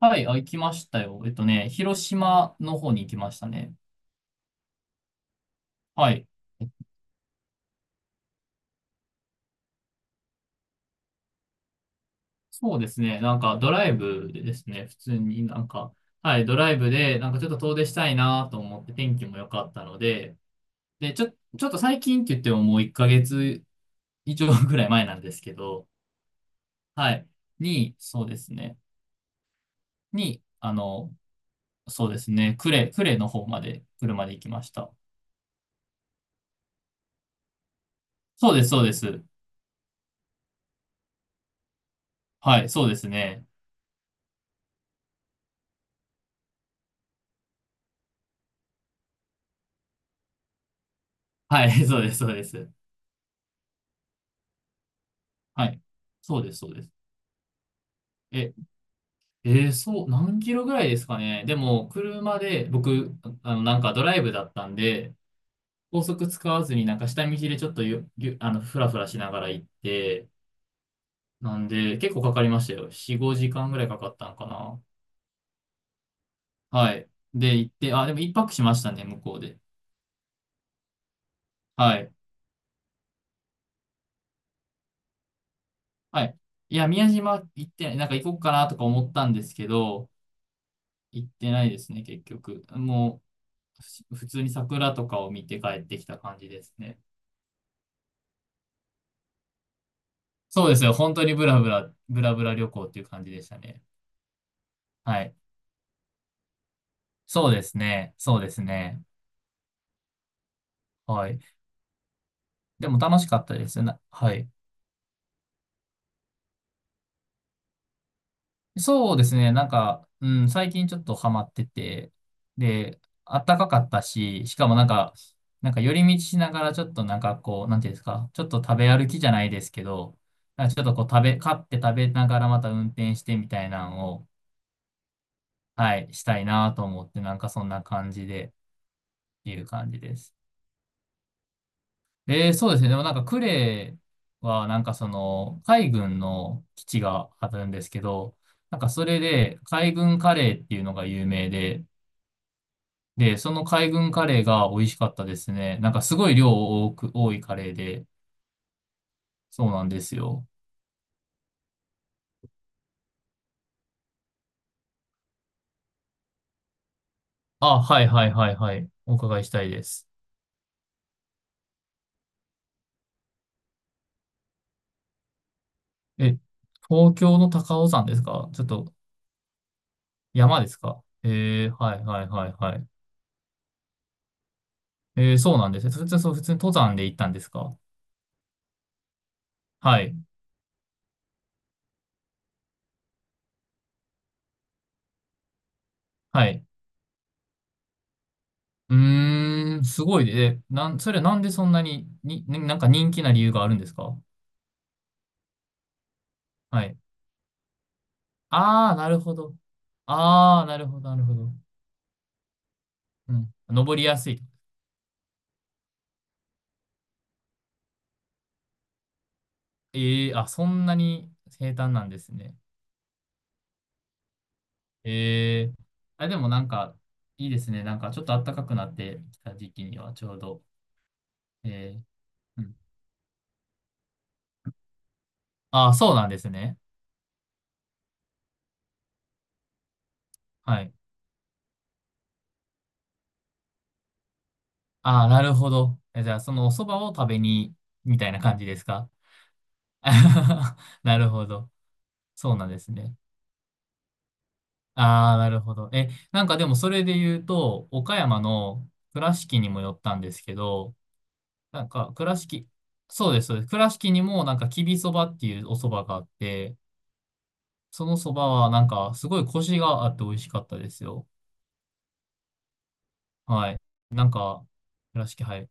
はい、あ、行きましたよ。広島の方に行きましたね。はい。そうですね、なんかドライブでですね、普通になんか、はい、ドライブで、なんかちょっと遠出したいなと思って、天気も良かったので、で、ちょ、ちょっと最近って言ってももう1ヶ月以上ぐらい前なんですけど、はい、に、そうですね、に、あの、そうですね、呉の方まで、車で行きました。そうです、そうです。はい、そうですね。はい、そうです、そうです。はい、そうです、そうです。え、えーそう、何キロぐらいですかね。でも、車で、僕、なんかドライブだったんで、高速使わずになんか下道でちょっとゆ、ゆ、あの、ふらふらしながら行って、なんで、結構かかりましたよ。4、5時間ぐらいかかったのかな。はい。で、行って、あ、でも一泊しましたね、向こうで。はい。はい。いや、宮島行ってない、なんか行こうかなとか思ったんですけど、行ってないですね、結局。もう、ふ普通に桜とかを見て帰ってきた感じですね。そうですよ。本当にブラブラ旅行っていう感じでしたね。はい。そうですね。はい。でも楽しかったですな。はい。そうですね。なんか、うん、最近ちょっとハマってて、で、あったかかったし、しかもなんか、なんか寄り道しながらちょっとなんかこう、なんていうんですか、ちょっと食べ歩きじゃないですけど、なんかちょっとこう食べ、買って食べながらまた運転してみたいなのを、はい、したいなと思って、なんかそんな感じで、っていう感じです。えー、そうですね。でもなんかクレーはなんかその海軍の基地があるんですけど、なんかそれで海軍カレーっていうのが有名で、で、その海軍カレーが美味しかったですね。なんかすごい量多く、多いカレーで、そうなんですよ。あ、はいはいはいはい。お伺いしたいです。え、東京の高尾山ですか。ちょっと山ですかえー、はいはいはいはい。えー、そうなんですね。普通に登山で行ったんですか。はい。はい。うーん、すごいね。えなん、それ、なんでそんなになんか人気な理由があるんですか。はい。ああ、なるほど。なるほど。うん。登りやすい。ええ、あ、そんなに平坦なんですね。ええ、あ、でもなんか、いいですね。なんか、ちょっと暖かくなってきた時期にはちょうど。ええ、うん。ああ、そうなんですね。はい。ああ、なるほど。えじゃあ、そのお蕎麦を食べに、みたいな感じですか。 なるほど。そうなんですね。ああ、なるほど。え、なんかでもそれで言うと、岡山の倉敷にも寄ったんですけど、なんか倉敷、そうです、そうです。倉敷にもなんかきびそばっていうお蕎麦があって、その蕎麦はなんかすごいコシがあって美味しかったですよ。はい。なんか、はい。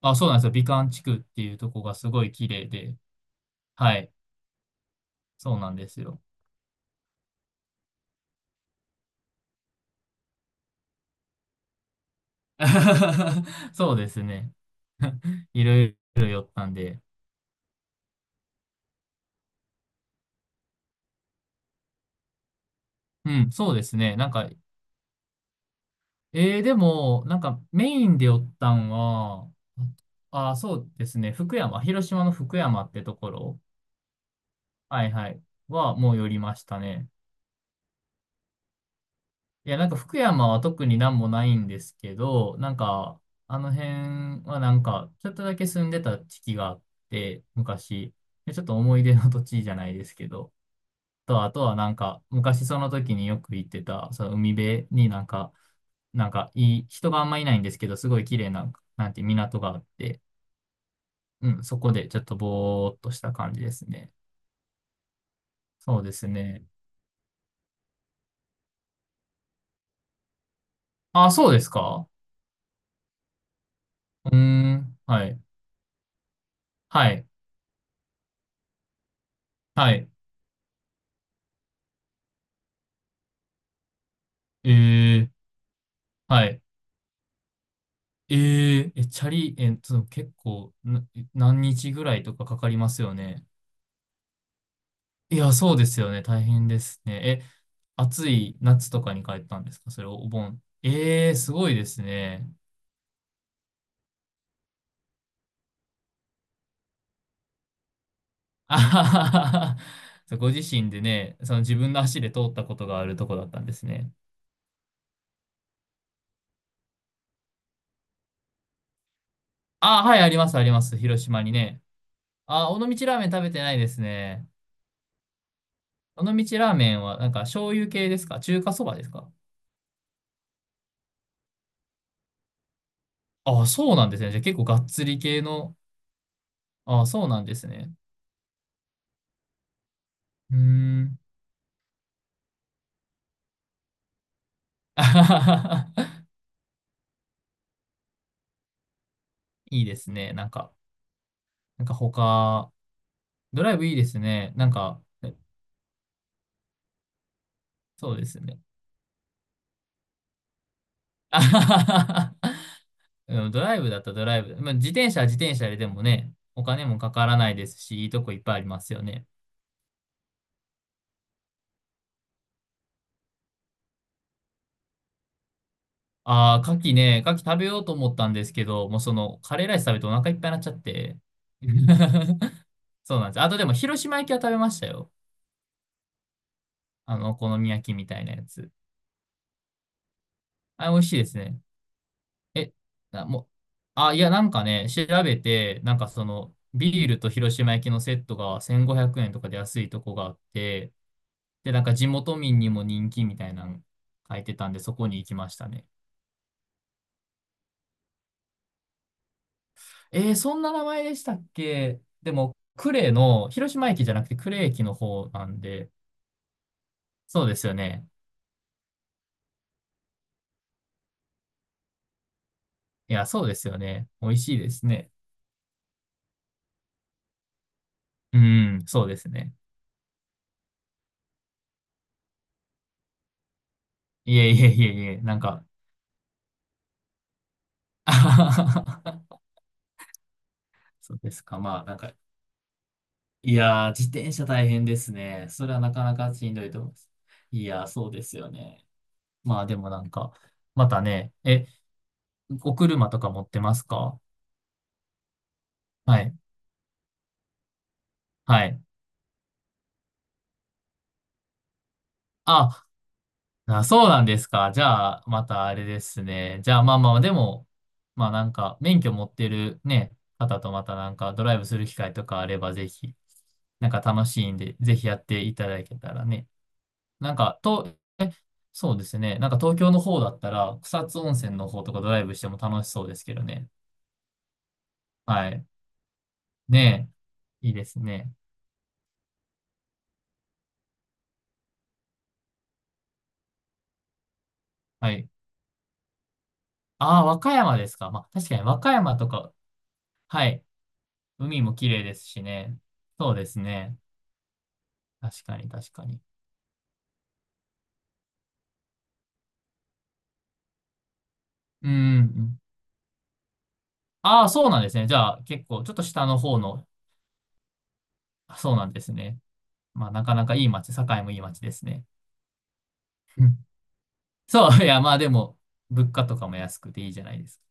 あ、そうなんですよ。美観地区っていうとこがすごい綺麗で、はい。そうなんですよ。そうですね。いろいろ寄ったんで。うん、そうですね。なんか、えー、でも、なんかメインで寄ったんは、あ、そうですね。広島の福山ってところ、はいはい、はもう寄りましたね。いや、なんか福山は特になんもないんですけど、なんか、あの辺はなんか、ちょっとだけ住んでた時期があって、昔。でちょっと思い出の土地じゃないですけど、あとはなんか、昔その時によく行ってた、その海辺になんか、なんかいい、人があんまいないんですけど、すごい綺麗な、なんて港があって、うん、そこでちょっとぼーっとした感じですね。そうですね。あ、そうですか。うーん、はい、はい、はい、えー、はい。えー、え、チャリ、えっと、結構な、何日ぐらいとかかかりますよね。いや、そうですよね。大変ですね。え、暑い夏とかに帰ったんですか、それお盆。ええー、すごいですね。あはははは ご自身でね、その自分の足で通ったことがあるとこだったんですね。あ、はい、あります。広島にね。あ、尾道ラーメン食べてないですね。尾道ラーメンは、なんか醤油系ですか、中華そばですか。あ、そうなんですね。じゃあ結構がっつり系の。あ、そうなんですね。うーん。あはははは、いいですね。なんか、なんか他、ドライブいいですね。そうですね。あははは、うん、ドライブだったらドライブ。まあ、自転車は自転車ででもね、お金もかからないですし、いいとこいっぱいありますよね。ああ、牡蠣食べようと思ったんですけど、もうその、カレーライス食べてお腹いっぱいになっちゃって。そうなんです。あとでも、広島焼きは食べましたよ。あの、お好み焼きみたいなやつ。あれ、美味しいですね。え、あ、もう、あ、いや、なんかね、調べて、なんかその、ビールと広島焼きのセットが1500円とかで安いとこがあって、で、なんか地元民にも人気みたいなの書いてたんで、そこに行きましたね。えー、そんな名前でしたっけ。でも、広島駅じゃなくて呉駅の方なんで、そうですよね。いや、そうですよね。美味しいですね。うん、そうですね。いえいえいえいえ、なんか、そうですか。まあ、なんか、いやー、自転車大変ですね。それはなかなかしんどいと思います。いやー、そうですよね。まあでもなんか、またね、え、お車とか持ってますか。はい。はい。あ、あ、そうなんですか。じゃあ、またあれですね。じゃあ、でも、まあなんか、免許持ってるね、方とまたなんか、ドライブする機会とかあれば、ぜひ、なんか楽しいんで、ぜひやっていただけたらね。なんか、と、え、そうですね。なんか東京の方だったら、草津温泉の方とかドライブしても楽しそうですけどね。はい。ねえ。いいですね。はい。ああ、和歌山ですか。まあ、確かに和歌山とか、はい。海も綺麗ですしね。そうですね。確かに。うんうん。ああ、そうなんですね。じゃあ、結構、ちょっと下の方の、あ、そうなんですね。まあ、なかなかいい街、堺もいい街ですね。うん、そう、いや、まあでも、物価とかも安くていいじゃないですか。